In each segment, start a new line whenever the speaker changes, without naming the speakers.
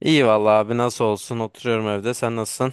İyi vallahi abi nasıl olsun oturuyorum evde sen nasılsın?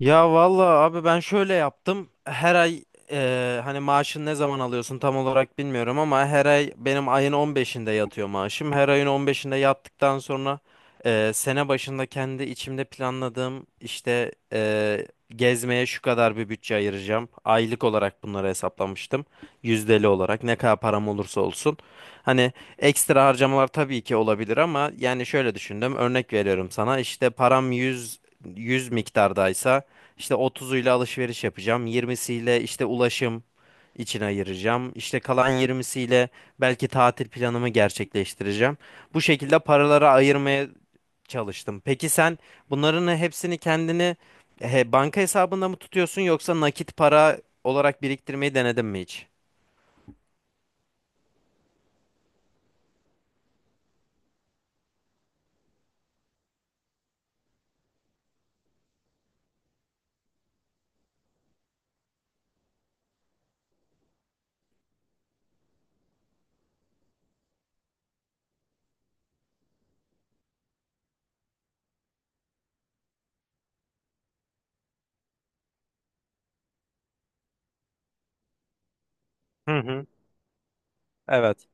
Ya vallahi abi ben şöyle yaptım. Her ay hani maaşını ne zaman alıyorsun tam olarak bilmiyorum ama her ay benim ayın 15'inde yatıyor maaşım. Her ayın 15'inde yattıktan sonra sene başında kendi içimde planladığım işte gezmeye şu kadar bir bütçe ayıracağım. Aylık olarak bunları hesaplamıştım. Yüzdeli olarak ne kadar param olursa olsun. Hani ekstra harcamalar tabii ki olabilir ama yani şöyle düşündüm. Örnek veriyorum sana işte param yüz miktardaysa işte 30'uyla alışveriş yapacağım. 20'siyle işte ulaşım için ayıracağım. İşte kalan 20'siyle belki tatil planımı gerçekleştireceğim. Bu şekilde paraları ayırmaya çalıştım. Peki sen bunların hepsini kendini he, banka hesabında mı tutuyorsun yoksa nakit para olarak biriktirmeyi denedin mi hiç? Hı hı. Evet.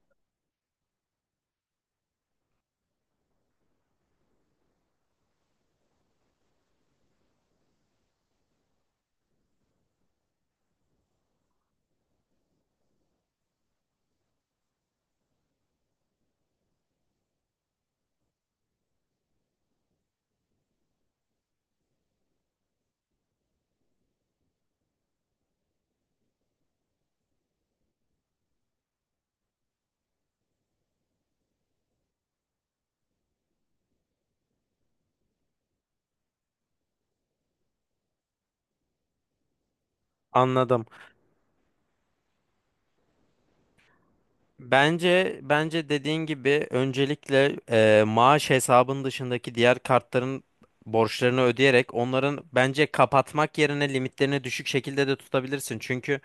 Anladım. Bence dediğin gibi öncelikle maaş hesabın dışındaki diğer kartların borçlarını ödeyerek onların bence kapatmak yerine limitlerini düşük şekilde de tutabilirsin. Çünkü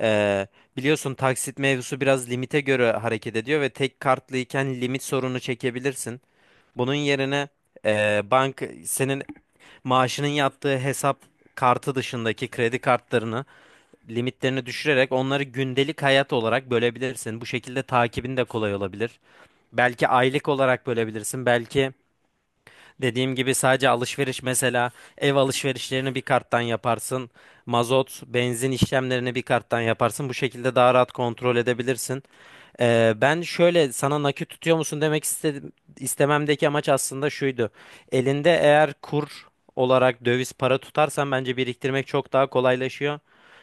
e, biliyorsun taksit mevzusu biraz limite göre hareket ediyor ve tek kartlıyken limit sorunu çekebilirsin. Bunun yerine bank senin maaşının yattığı hesap kartı dışındaki kredi kartlarını limitlerini düşürerek onları gündelik hayat olarak bölebilirsin. Bu şekilde takibin de kolay olabilir. Belki aylık olarak bölebilirsin. Belki dediğim gibi sadece alışveriş mesela ev alışverişlerini bir karttan yaparsın. Mazot, benzin işlemlerini bir karttan yaparsın. Bu şekilde daha rahat kontrol edebilirsin. Ben şöyle sana nakit tutuyor musun demek istedim, istememdeki amaç aslında şuydu. Elinde eğer kur olarak döviz para tutarsan bence biriktirmek çok daha kolaylaşıyor.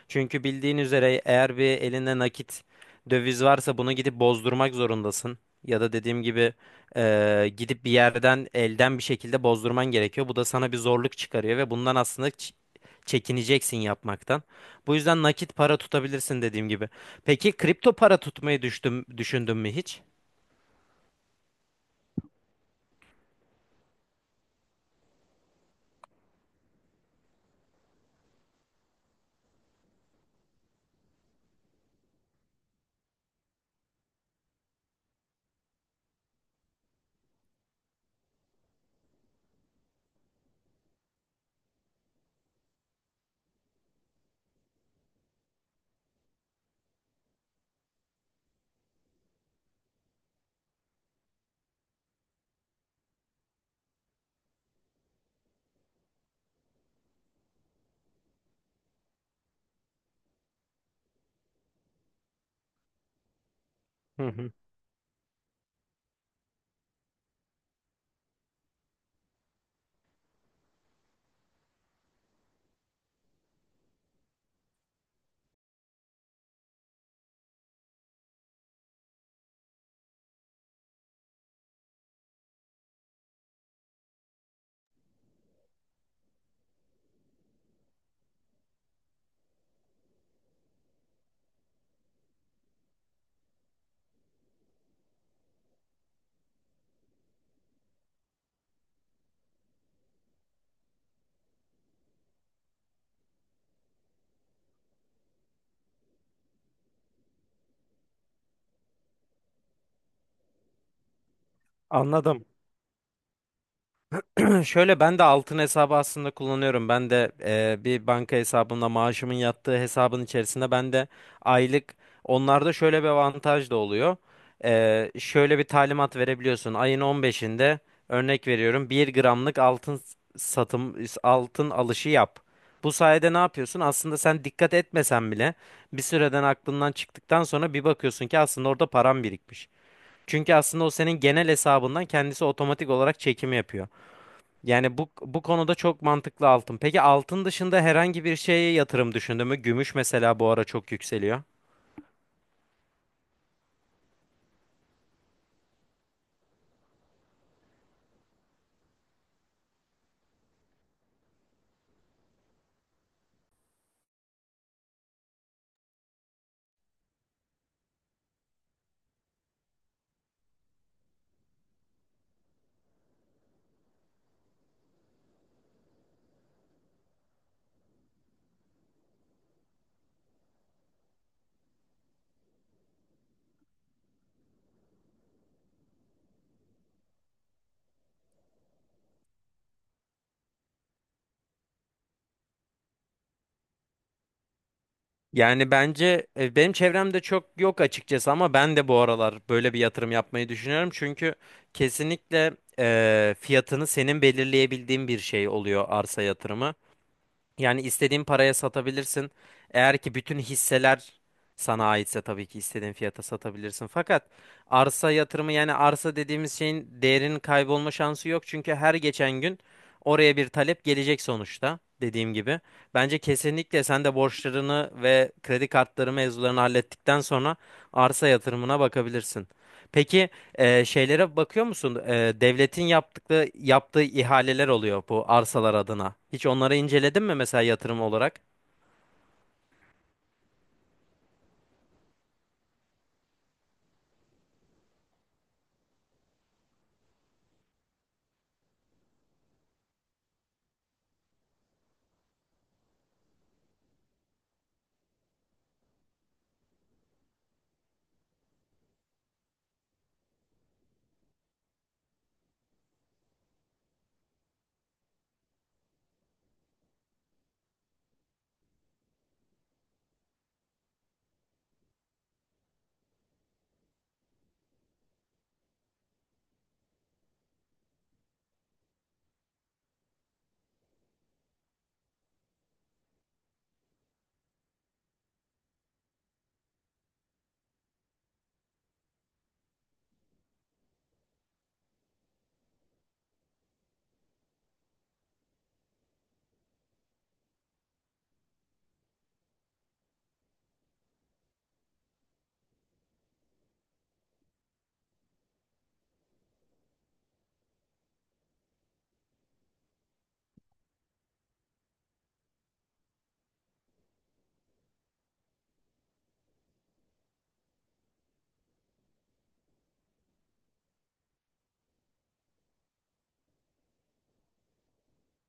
Çünkü bildiğin üzere eğer bir elinde nakit döviz varsa bunu gidip bozdurmak zorundasın. Ya da dediğim gibi gidip bir yerden elden bir şekilde bozdurman gerekiyor. Bu da sana bir zorluk çıkarıyor ve bundan aslında çekineceksin yapmaktan. Bu yüzden nakit para tutabilirsin dediğim gibi. Peki kripto para tutmayı düşündün mü hiç? Hı hı. Anladım. Şöyle ben de altın hesabı aslında kullanıyorum. Ben de bir banka hesabımla maaşımın yattığı hesabın içerisinde ben de aylık onlarda şöyle bir avantaj da oluyor. Şöyle bir talimat verebiliyorsun. Ayın 15'inde örnek veriyorum bir gramlık altın satım altın alışı yap. Bu sayede ne yapıyorsun? Aslında sen dikkat etmesen bile bir süreden aklından çıktıktan sonra bir bakıyorsun ki aslında orada param birikmiş. Çünkü aslında o senin genel hesabından kendisi otomatik olarak çekimi yapıyor. Yani bu konuda çok mantıklı altın. Peki altın dışında herhangi bir şeye yatırım düşündün mü? Gümüş mesela bu ara çok yükseliyor. Yani bence benim çevremde çok yok açıkçası ama ben de bu aralar böyle bir yatırım yapmayı düşünüyorum. Çünkü kesinlikle fiyatını senin belirleyebildiğin bir şey oluyor arsa yatırımı. Yani istediğin paraya satabilirsin. Eğer ki bütün hisseler sana aitse tabii ki istediğin fiyata satabilirsin. Fakat arsa yatırımı yani arsa dediğimiz şeyin değerinin kaybolma şansı yok. Çünkü her geçen gün oraya bir talep gelecek sonuçta dediğim gibi. Bence kesinlikle sen de borçlarını ve kredi kartları mevzularını hallettikten sonra arsa yatırımına bakabilirsin. Peki şeylere bakıyor musun? Devletin yaptığı ihaleler oluyor bu arsalar adına. Hiç onları inceledin mi mesela yatırım olarak?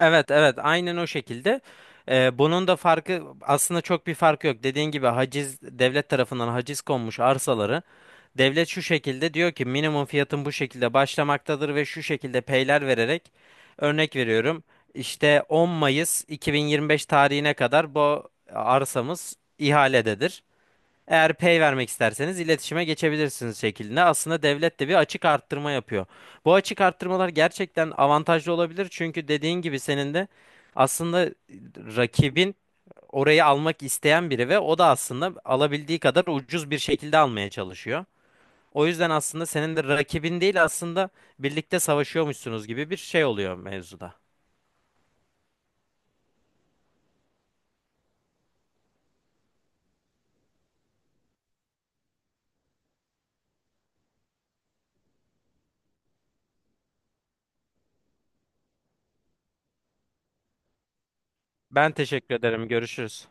Evet evet, aynen o şekilde. Bunun da farkı aslında çok bir farkı yok. Dediğin gibi haciz devlet tarafından haciz konmuş arsaları devlet şu şekilde diyor ki minimum fiyatın bu şekilde başlamaktadır ve şu şekilde peyler vererek örnek veriyorum. İşte 10 Mayıs 2025 tarihine kadar bu arsamız ihalededir. Eğer pay vermek isterseniz iletişime geçebilirsiniz şeklinde. Aslında devlet de bir açık arttırma yapıyor. Bu açık arttırmalar gerçekten avantajlı olabilir. Çünkü dediğin gibi senin de aslında rakibin orayı almak isteyen biri ve o da aslında alabildiği kadar ucuz bir şekilde almaya çalışıyor. O yüzden aslında senin de rakibin değil aslında birlikte savaşıyormuşsunuz gibi bir şey oluyor mevzuda. Ben teşekkür ederim. Görüşürüz.